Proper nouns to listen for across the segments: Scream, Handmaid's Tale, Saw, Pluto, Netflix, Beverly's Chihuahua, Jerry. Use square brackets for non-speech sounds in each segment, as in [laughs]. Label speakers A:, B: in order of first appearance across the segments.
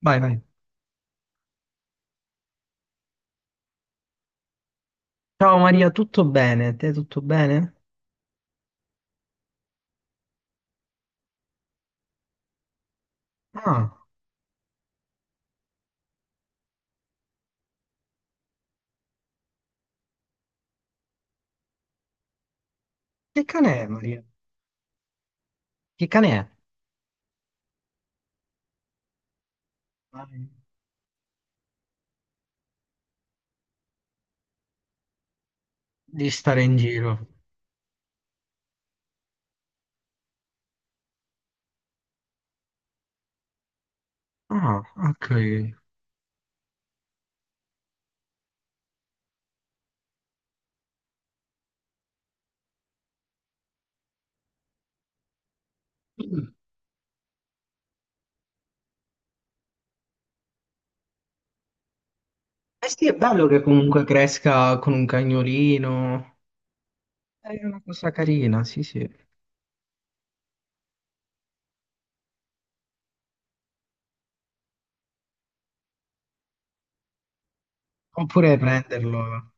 A: Vai, vai. Ciao, Maria, tutto bene? Te tutto bene? Ah, che cane è, Maria? Che cane è? Vai. Di stare in giro. Ah, ok. Mm. Eh sì, è bello che comunque cresca con un cagnolino. È una cosa carina, sì, sì. Oppure prenderlo.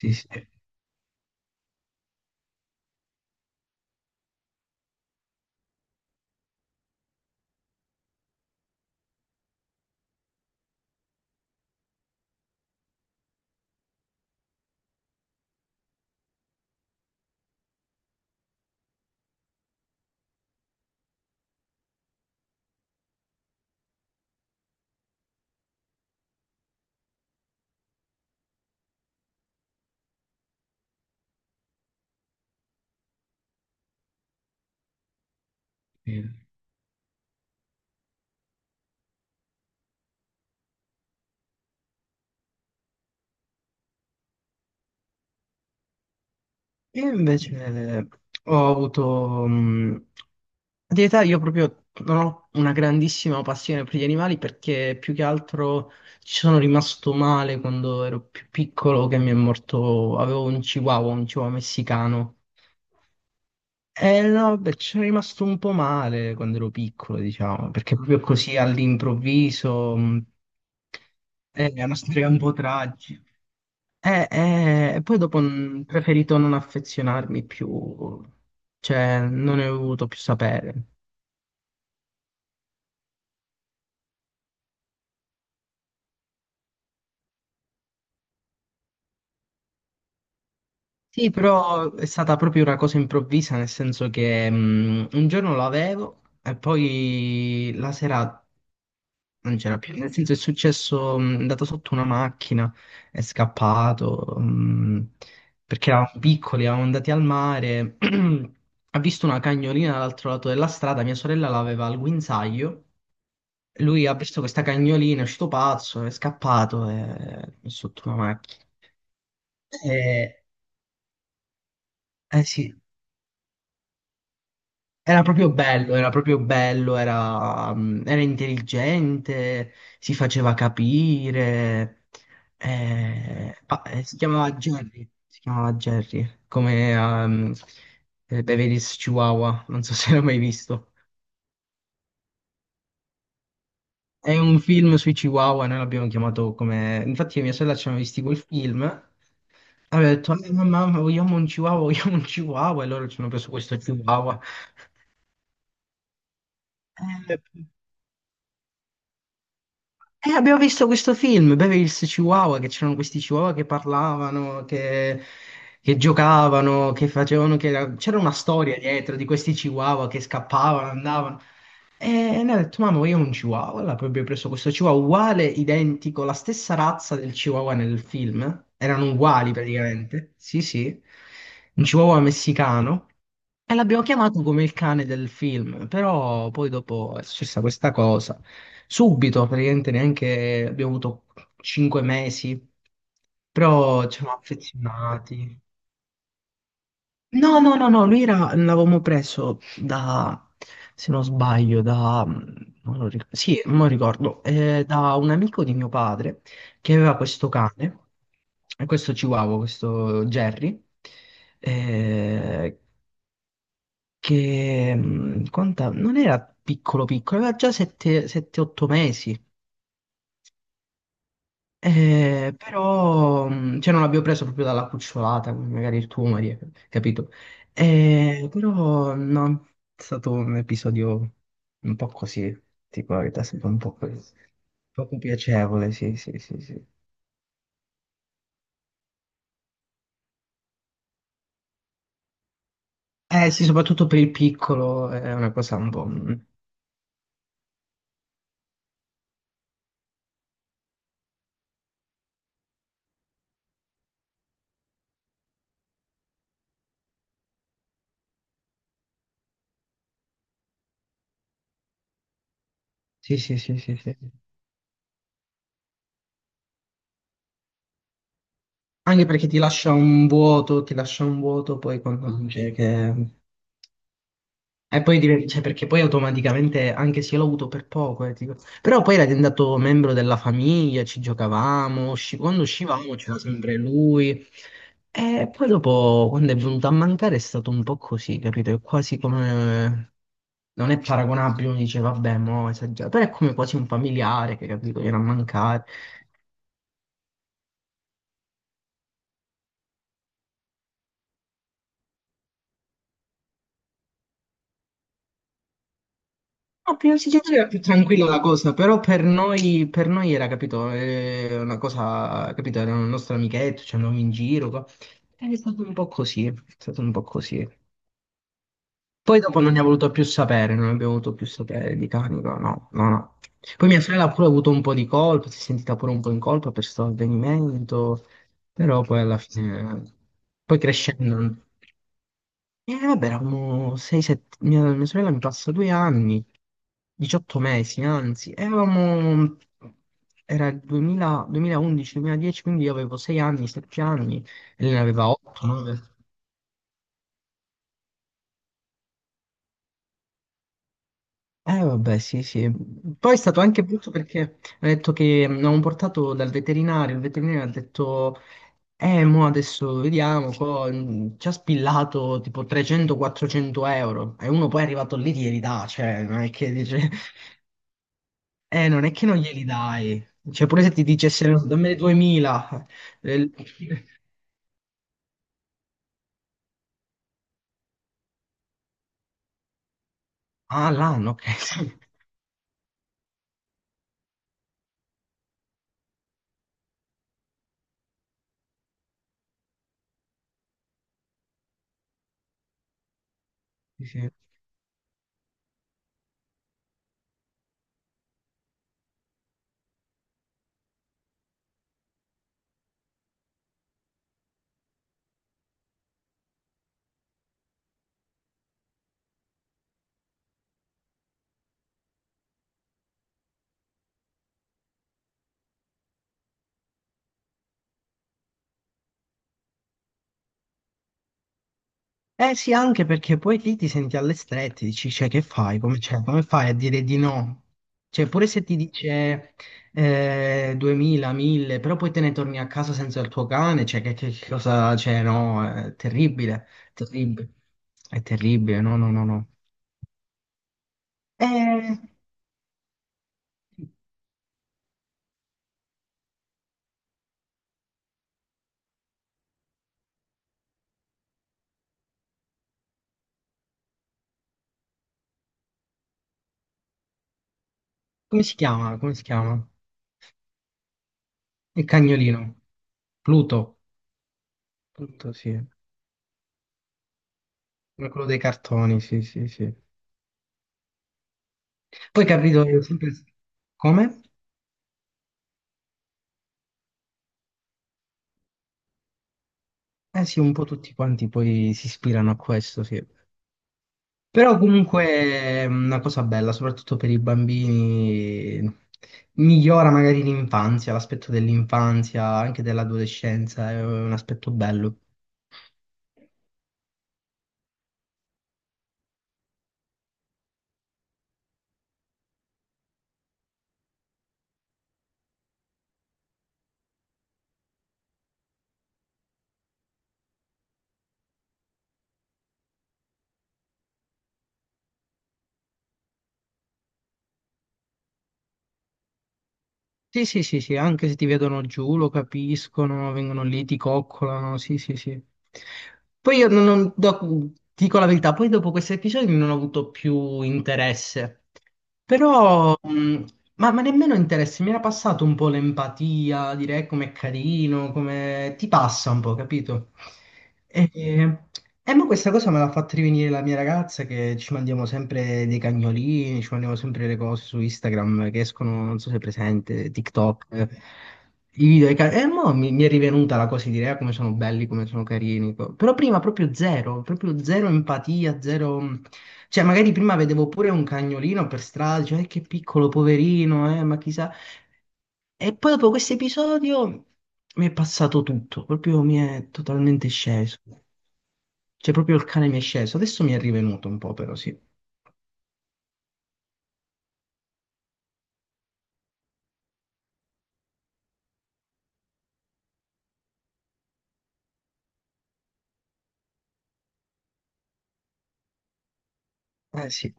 A: Sì, sì. Io invece ho avuto, di età io proprio non ho una grandissima passione per gli animali, perché più che altro ci sono rimasto male quando ero più piccolo, che mi è morto... Avevo un chihuahua messicano. Eh no, beh, ci sono rimasto un po' male quando ero piccolo, diciamo, perché proprio così all'improvviso. Eh, è una storia un po' tragica. E poi dopo, ho preferito non affezionarmi più, cioè non ne ho voluto più sapere. Sì, però è stata proprio una cosa improvvisa, nel senso che un giorno l'avevo e poi la sera... Non c'era più, nel senso è successo, è andato sotto una macchina, è scappato, perché eravamo piccoli, eravamo andati al mare, [clears throat] ha visto una cagnolina dall'altro lato della strada, mia sorella l'aveva al guinzaglio, lui ha visto questa cagnolina, è uscito pazzo, è scappato, è sotto una macchina. Eh, eh sì, era proprio bello, era proprio bello, era intelligente, si faceva capire. Si chiamava Jerry, si chiamava Jerry, come Beverly's Chihuahua, non so [laughs] se l'hai mai visto. È un film sui Chihuahua, noi l'abbiamo chiamato come... Infatti, mia sorella, ci hanno visti quel film, aveva detto: mamma, vogliamo un Chihuahua, vogliamo un Chihuahua", e loro ci hanno preso questo Chihuahua. E abbiamo visto questo film, Beverly's Chihuahua, che c'erano questi chihuahua che parlavano, che giocavano, che facevano, c'era una storia dietro, di questi chihuahua che scappavano, andavano. E ne ha detto: "Mamma, io ho un chihuahua". Allora poi abbiamo preso questo chihuahua uguale, identico, la stessa razza del chihuahua nel film. Erano uguali, praticamente. Sì, sì. Un chihuahua messicano. E l'abbiamo chiamato come il cane del film. Però poi dopo è successa questa cosa. Subito, praticamente, neanche abbiamo avuto 5 mesi. Però ci siamo affezionati. No, no, no, no, lui era, l'avevamo preso da, se non sbaglio, da, mm, non lo ric- sì, non ricordo, da un amico di mio padre che aveva questo cane, questo Chihuahua, questo Jerry, eh, non era piccolo piccolo, aveva già 7-8 mesi. Però, cioè non l'abbiamo preso proprio dalla cucciolata, come magari il tuo, Maria, capito? Però no, è stato un episodio un po' così, tipo la verità, è stato un po' così. Poco piacevole, sì, sì, sì, sì. Eh sì, soprattutto per il piccolo è una cosa un po'... Mm. Sì, sì, sì, sì, sì. Anche perché ti lascia un vuoto, ti lascia un vuoto poi, quando dice che... E poi, cioè, perché poi automaticamente, anche se io l'ho avuto per poco, però poi era diventato membro della famiglia, ci giocavamo, quando uscivamo c'era sempre lui. E poi dopo, quando è venuto a mancare, è stato un po' così, capito? È quasi come... Non è paragonabile, uno dice, vabbè, mo' esagerato, però è come quasi un familiare che, capito, viene a mancare. No, prima psichiatria era più tranquilla la cosa, però per noi era, capito, una cosa, capito, era un nostro amichetto, ci andavamo in giro, è stato un po' così, è stato un po' così. Poi dopo non ne ha voluto più sapere, non abbiamo voluto più sapere di canico, no, no, no. Poi mia sorella ha pure avuto un po' di colpa, si è sentita pure un po' in colpa per questo avvenimento, però poi alla fine, poi crescendo... E vabbè, eravamo 6-7, mia sorella mi passa 2 anni, 18 mesi anzi, e avevamo, era il 2000 2011-2010, quindi io avevo 6 anni, 7 anni, e lei ne aveva 8, 9. Eh vabbè, sì, sì. Poi è stato anche brutto perché ha detto che, l'avevamo portato dal veterinario, il veterinario ha detto: Mo adesso vediamo", ci ha spillato tipo 300-400 euro, e uno poi è arrivato lì, ti gli dà, cioè, non è che dice... non è che non glieli dai. Cioè, pure se ti dicesse: "No, dammene 2000". eh, [laughs] Ah, l'anno, ok. [laughs] Sì. Sì, sì. Eh sì, anche perché poi lì ti senti alle strette, dici, cioè, che fai? Come, cioè, come fai a dire di no? Cioè, pure se ti dice 2000, 1000, però poi te ne torni a casa senza il tuo cane, cioè, che cosa, cioè, no, è terribile, terribile, è terribile, no, no, no, no. Eh, Come si chiama? Come si chiama? Il cagnolino. Pluto. Pluto, sì. Come quello dei cartoni, sì, sì, sì. Poi, capito, io sempre... Come? Eh sì, un po' tutti quanti poi si ispirano a questo, sì. Però comunque è una cosa bella, soprattutto per i bambini, migliora magari l'infanzia, l'aspetto dell'infanzia, anche dell'adolescenza, è un aspetto bello. Sì, sì, sì, sì, anche se ti vedono giù, lo capiscono, vengono lì, ti coccolano, sì, sì, sì. Poi io dico la verità, poi dopo questi episodi non ho avuto più interesse. Però, ma nemmeno interessi, mi era passato un po' l'empatia, direi com'è carino, come ti passa un po', capito? E, ma questa cosa me l'ha fatta rivenire la mia ragazza, che ci mandiamo sempre dei cagnolini, ci mandiamo sempre le cose su Instagram che escono, non so se è presente, TikTok. I video dei cani. E mo mi è rivenuta la cosa di dire: "Ah, come sono belli, come sono carini". Però prima proprio zero empatia, zero... Cioè, magari prima vedevo pure un cagnolino per strada, dicevo: che piccolo, poverino, ma chissà". E poi dopo questo episodio mi è passato tutto, proprio mi è totalmente sceso. Cioè, proprio il cane mi è sceso. Adesso mi è rivenuto un po', però, sì. Sì.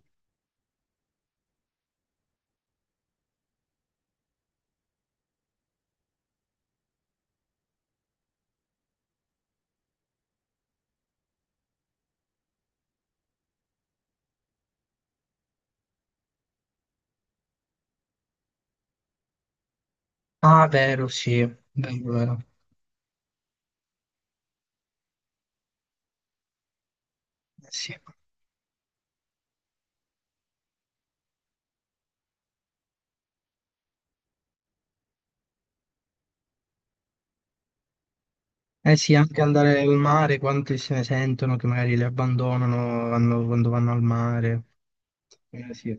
A: Ah, vero, sì. Vero, vero. Sì. Eh sì, anche andare al mare, quante se ne sentono che magari le abbandonano, quando vanno al mare. Eh sì.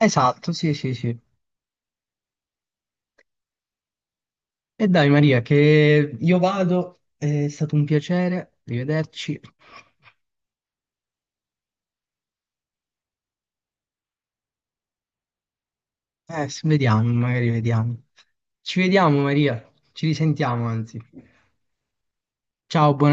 A: Esatto, sì, sì, sì. E dai, Maria, che io vado, è stato un piacere, rivederci. Vediamo, magari vediamo. Ci vediamo, Maria, ci risentiamo, anzi. Ciao, buona